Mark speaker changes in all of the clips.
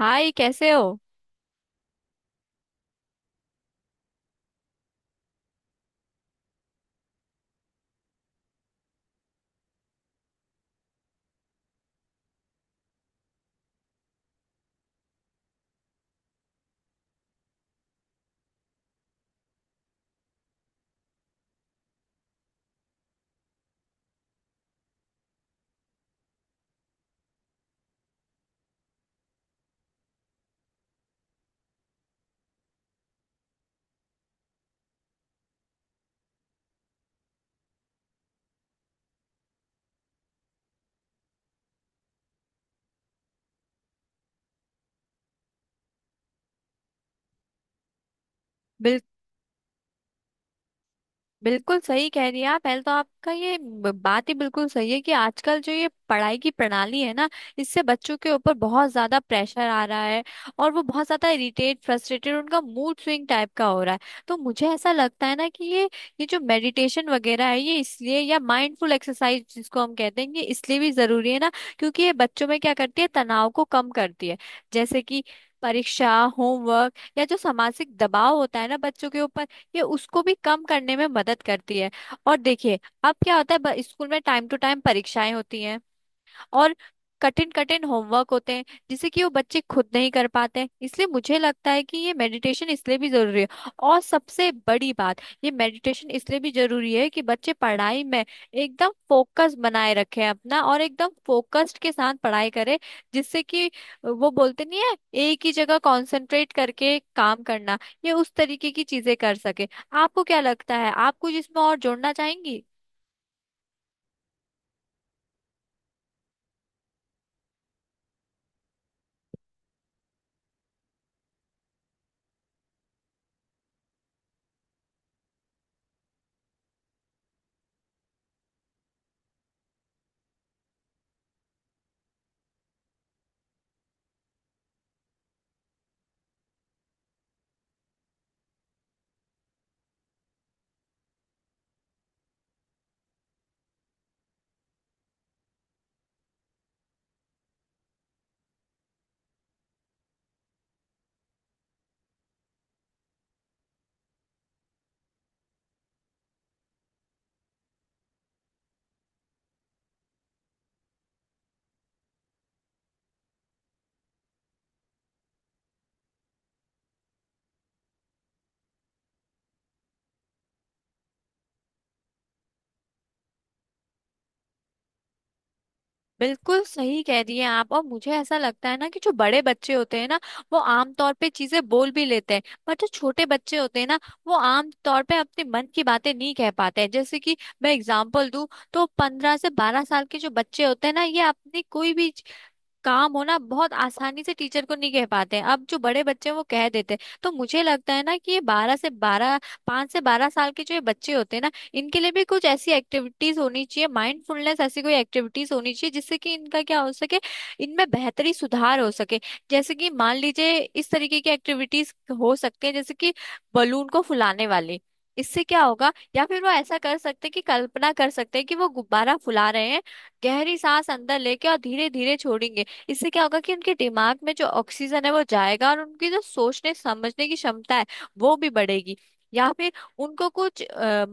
Speaker 1: हाय, कैसे हो। बिल, बिल्कुल सही कह रही हैं आप। पहले तो आपका बात ही बिल्कुल सही है कि आजकल जो ये पढ़ाई की प्रणाली है ना, इससे बच्चों के ऊपर बहुत ज्यादा प्रेशर आ रहा है। और वो बहुत ज्यादा इरिटेट, फ्रस्ट्रेटेड, उनका मूड स्विंग टाइप का हो रहा है। तो मुझे ऐसा लगता है ना कि ये जो मेडिटेशन वगैरह है ये इसलिए, या माइंडफुल एक्सरसाइज जिसको हम कहते हैं ये इसलिए भी जरूरी है ना, क्योंकि ये बच्चों में क्या करती है, तनाव को कम करती है। जैसे कि परीक्षा, होमवर्क या जो सामाजिक दबाव होता है ना बच्चों के ऊपर, ये उसको भी कम करने में मदद करती है। और देखिए अब क्या होता है, स्कूल में टाइम टू टाइम परीक्षाएं होती हैं। और कठिन कठिन होमवर्क होते हैं जिसे कि वो बच्चे खुद नहीं कर पाते हैं, इसलिए मुझे लगता है कि ये मेडिटेशन इसलिए भी जरूरी है। और सबसे बड़ी बात, ये मेडिटेशन इसलिए भी जरूरी है कि बच्चे पढ़ाई में एकदम फोकस बनाए रखें अपना, और एकदम फोकस्ड के साथ पढ़ाई करें, जिससे कि वो बोलते नहीं है, एक ही जगह कंसंट्रेट करके काम करना, ये उस तरीके की चीजें कर सके। आपको क्या लगता है, आप कुछ इसमें और जोड़ना चाहेंगी। बिल्कुल सही कह रही हैं आप। और मुझे ऐसा लगता है ना कि जो बड़े बच्चे होते हैं ना, वो आमतौर पे चीजें बोल भी लेते हैं, पर जो छोटे बच्चे होते हैं ना, वो आमतौर पे अपने मन की बातें नहीं कह पाते हैं। जैसे कि मैं एग्जांपल दूं, तो 15 से 12 साल के जो बच्चे होते हैं ना, ये अपनी कोई भी काम होना बहुत आसानी से टीचर को नहीं कह पाते हैं। अब जो बड़े बच्चे हैं वो कह देते हैं। तो मुझे लगता है ना कि ये बारह से बारह 5 से 12 साल के जो ये बच्चे होते हैं ना, इनके लिए भी कुछ ऐसी एक्टिविटीज होनी चाहिए, माइंडफुलनेस ऐसी कोई एक्टिविटीज होनी चाहिए जिससे कि इनका क्या हो सके, इनमें बेहतरी सुधार हो सके। जैसे कि मान लीजिए इस तरीके की एक्टिविटीज हो सकती है, जैसे कि बलून को फुलाने वाली। इससे क्या होगा, या फिर वो ऐसा कर सकते हैं कि कल्पना कर सकते हैं कि वो गुब्बारा फुला रहे हैं, गहरी सांस अंदर लेके और धीरे धीरे छोड़ेंगे। इससे क्या होगा कि उनके दिमाग में जो ऑक्सीजन है वो जाएगा, और उनकी जो सोचने समझने की क्षमता है वो भी बढ़ेगी। या फिर उनको कुछ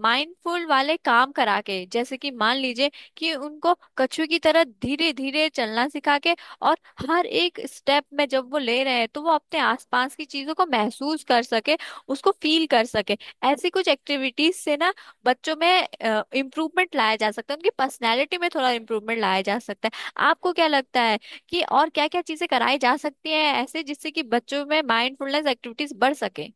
Speaker 1: माइंडफुल वाले काम करा के, जैसे कि मान लीजिए कि उनको कछुए की तरह धीरे धीरे चलना सिखा के, और हर एक स्टेप में जब वो ले रहे हैं तो वो अपने आसपास की चीजों को महसूस कर सके, उसको फील कर सके। ऐसी कुछ एक्टिविटीज से ना बच्चों में इम्प्रूवमेंट लाया जा सकता है, उनकी पर्सनैलिटी में थोड़ा इम्प्रूवमेंट लाया जा सकता है। आपको क्या लगता है कि और क्या क्या चीजें कराई जा सकती हैं ऐसे, जिससे कि बच्चों में माइंडफुलनेस एक्टिविटीज बढ़ सके।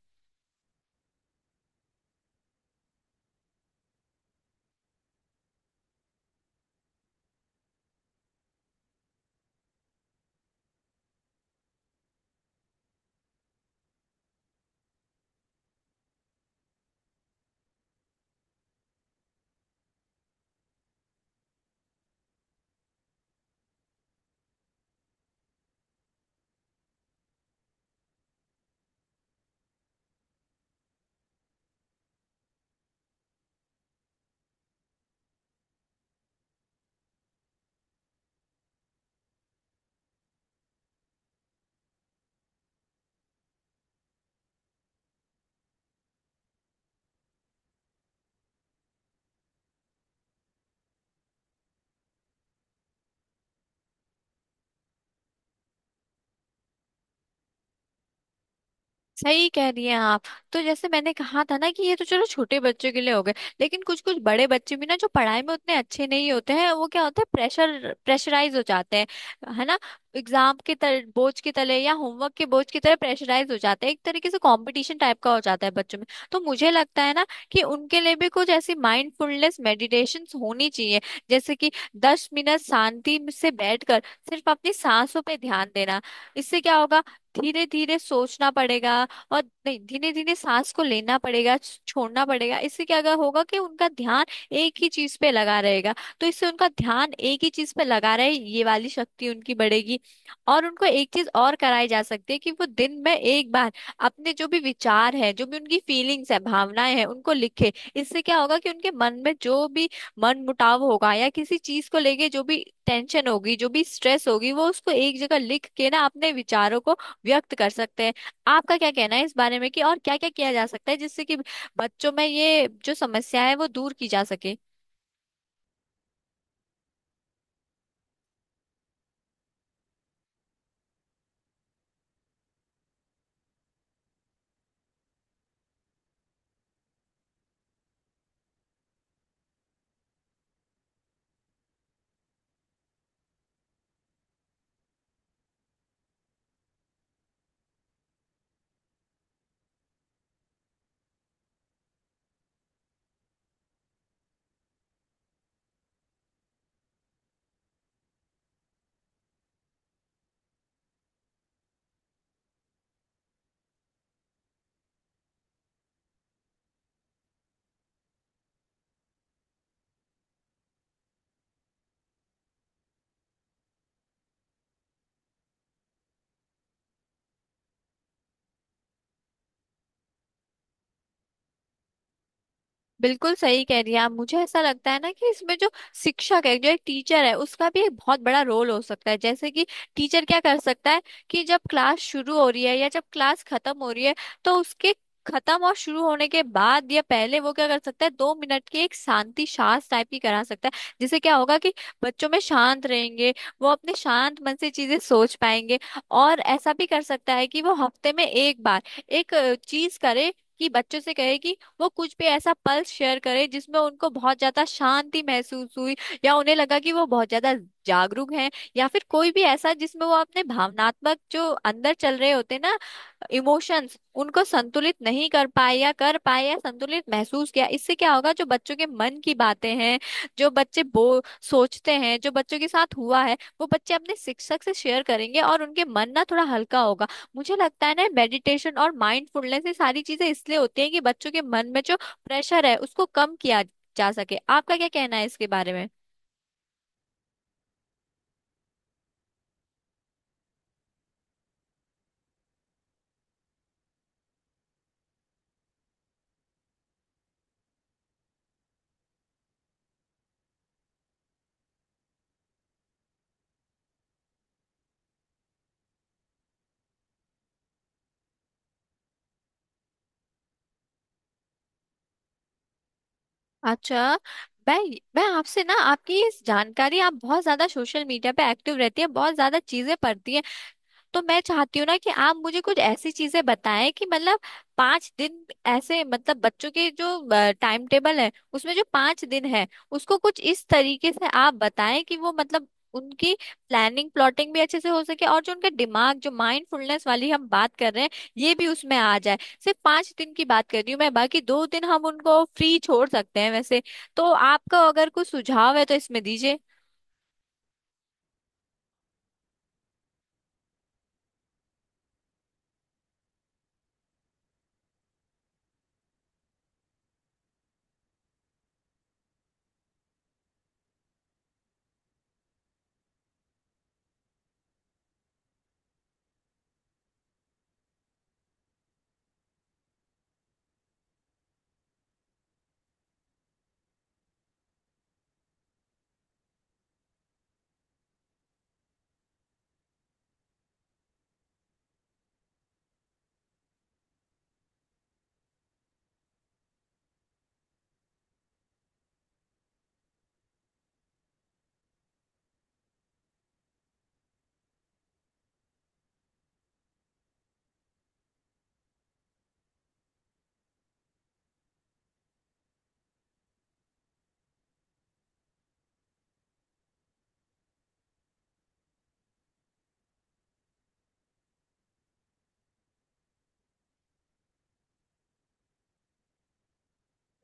Speaker 1: सही कह रही हैं आप। तो जैसे मैंने कहा था ना कि ये तो चलो छोटे बच्चों के लिए हो गए, लेकिन कुछ कुछ बड़े बच्चे भी ना जो पढ़ाई में उतने अच्छे नहीं होते हैं, वो क्या होता है प्रेशर, प्रेशराइज हो जाते हैं, है ना। बोझ के तले या होमवर्क के बोझ की तरह प्रेशराइज हो जाते हैं, एक तरीके से कंपटीशन टाइप का हो जाता है बच्चों में। तो मुझे लगता है ना कि उनके लिए भी कुछ ऐसी माइंडफुलनेस मेडिटेशन होनी चाहिए। जैसे कि 10 मिनट शांति से बैठकर सिर्फ अपनी सांसों पे ध्यान देना। इससे क्या होगा, धीरे धीरे सोचना पड़ेगा, और नहीं धीरे धीरे सांस को लेना पड़ेगा, छोड़ना पड़ेगा। इससे क्या अगर होगा कि उनका ध्यान एक ही चीज पे लगा रहेगा। तो इससे उनका ध्यान एक ही चीज पे लगा रहे, ये वाली शक्ति उनकी बढ़ेगी। और उनको एक चीज और कराई जा सकती है कि वो दिन में एक बार अपने जो भी विचार है, जो भी उनकी फीलिंग्स है, भावनाएं हैं, उनको लिखे। इससे क्या होगा कि उनके मन में जो भी मन मुटाव होगा या किसी चीज को लेके जो भी टेंशन होगी, जो भी स्ट्रेस होगी, वो उसको एक जगह लिख के ना, अपने विचारों को व्यक्त कर सकते हैं। आपका क्या कहना है इस बारे में कि और क्या क्या किया जा सकता है जिससे कि बच्चों में ये जो समस्या है वो दूर की जा सके। बिल्कुल सही कह रही है आप। मुझे ऐसा लगता है ना कि इसमें जो शिक्षक है, जो एक टीचर है, उसका भी एक बहुत बड़ा रोल हो सकता है। जैसे कि टीचर क्या कर सकता है, कि जब क्लास शुरू हो रही है या जब क्लास खत्म हो रही है, तो उसके खत्म और शुरू होने के बाद या पहले वो क्या कर सकता है, 2 मिनट की एक शांति सांस टाइप की करा सकता है, जिससे क्या होगा कि बच्चों में शांत रहेंगे, वो अपने शांत मन से चीजें सोच पाएंगे। और ऐसा भी कर सकता है कि वो हफ्ते में एक बार एक चीज करे, कि बच्चों से कहे कि वो कुछ भी ऐसा पल शेयर करे जिसमें उनको बहुत ज्यादा शांति महसूस हुई, या उन्हें लगा कि वो बहुत ज्यादा जागरूक हैं, या फिर कोई भी ऐसा जिसमें वो अपने भावनात्मक जो अंदर चल रहे होते ना, इमोशंस उनको संतुलित नहीं कर पाए या कर पाए, या संतुलित महसूस किया। इससे क्या होगा, जो बच्चों के मन की बातें हैं, जो बच्चे बो सोचते हैं, जो बच्चों के साथ हुआ है, वो बच्चे अपने शिक्षक से शेयर करेंगे और उनके मन ना थोड़ा हल्का होगा। मुझे लगता है ना मेडिटेशन और माइंडफुलनेस ये सारी चीजें इसलिए होती हैं कि बच्चों के मन में जो प्रेशर है उसको कम किया जा सके। आपका क्या कहना है इसके बारे में। अच्छा, मैं मैं आपसे ना, आपकी इस जानकारी, आप बहुत ज्यादा सोशल मीडिया पे एक्टिव रहती है, बहुत ज्यादा चीजें पढ़ती है। तो मैं चाहती हूँ ना कि आप मुझे कुछ ऐसी चीजें बताएं कि मतलब 5 दिन ऐसे, मतलब बच्चों के जो टाइम टेबल है उसमें जो 5 दिन है उसको कुछ इस तरीके से आप बताएं कि वो मतलब उनकी प्लानिंग, प्लॉटिंग भी अच्छे से हो सके, और जो उनका दिमाग जो माइंडफुलनेस वाली हम बात कर रहे हैं ये भी उसमें आ जाए। सिर्फ 5 दिन की बात कर रही हूँ मैं, बाकी 2 दिन हम उनको फ्री छोड़ सकते हैं वैसे। तो आपका अगर कुछ सुझाव है तो इसमें दीजिए।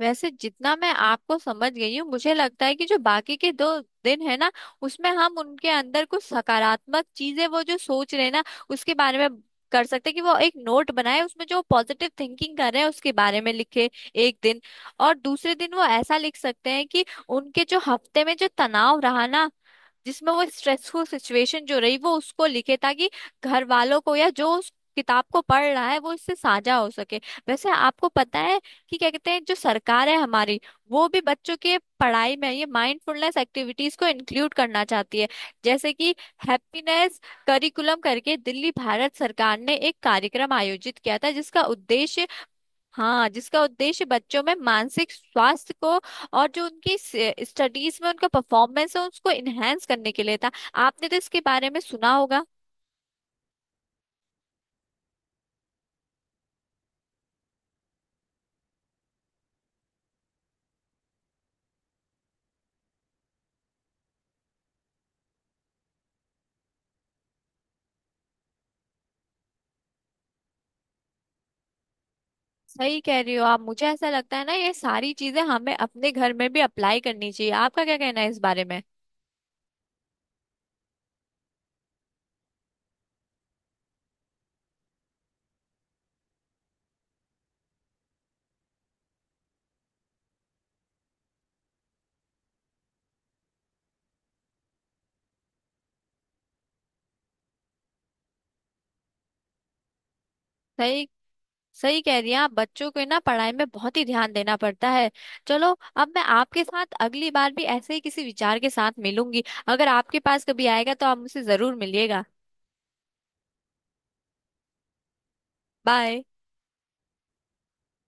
Speaker 1: वैसे जितना मैं आपको समझ गई हूँ, मुझे लगता है कि जो बाकी के 2 दिन है ना, उसमें हम उनके अंदर कुछ सकारात्मक चीजें, वो जो सोच रहे हैं ना उसके बारे में, कर सकते हैं कि वो एक नोट बनाए, उसमें जो पॉजिटिव थिंकिंग कर रहे हैं उसके बारे में लिखे, एक दिन। और दूसरे दिन वो ऐसा लिख सकते हैं कि उनके जो हफ्ते में जो तनाव रहा ना, जिसमें वो स्ट्रेसफुल सिचुएशन जो रही, वो उसको लिखे, ताकि घर वालों को या जो उस किताब को पढ़ रहा है वो इससे साझा हो सके। वैसे आपको पता है कि क्या कहते हैं, जो सरकार है हमारी वो भी बच्चों के पढ़ाई में ये माइंडफुलनेस एक्टिविटीज को इंक्लूड करना चाहती है। जैसे कि हैप्पीनेस करिकुलम करके दिल्ली भारत सरकार ने एक कार्यक्रम आयोजित किया था, जिसका उद्देश्य, हाँ, जिसका उद्देश्य बच्चों में मानसिक स्वास्थ्य को और जो उनकी स्टडीज में उनका परफॉर्मेंस है उसको इनहेंस करने के लिए था। आपने तो इसके बारे में सुना होगा। सही कह रही हो आप, मुझे ऐसा लगता है ना ये सारी चीजें हमें अपने घर में भी अप्लाई करनी चाहिए। आपका क्या कहना है इस बारे में। सही सही कह रही हैं आप, बच्चों को ना पढ़ाई में बहुत ही ध्यान देना पड़ता है। चलो, अब मैं आपके साथ अगली बार भी ऐसे ही किसी विचार के साथ मिलूंगी। अगर आपके पास कभी आएगा तो आप मुझसे जरूर मिलिएगा। बाय।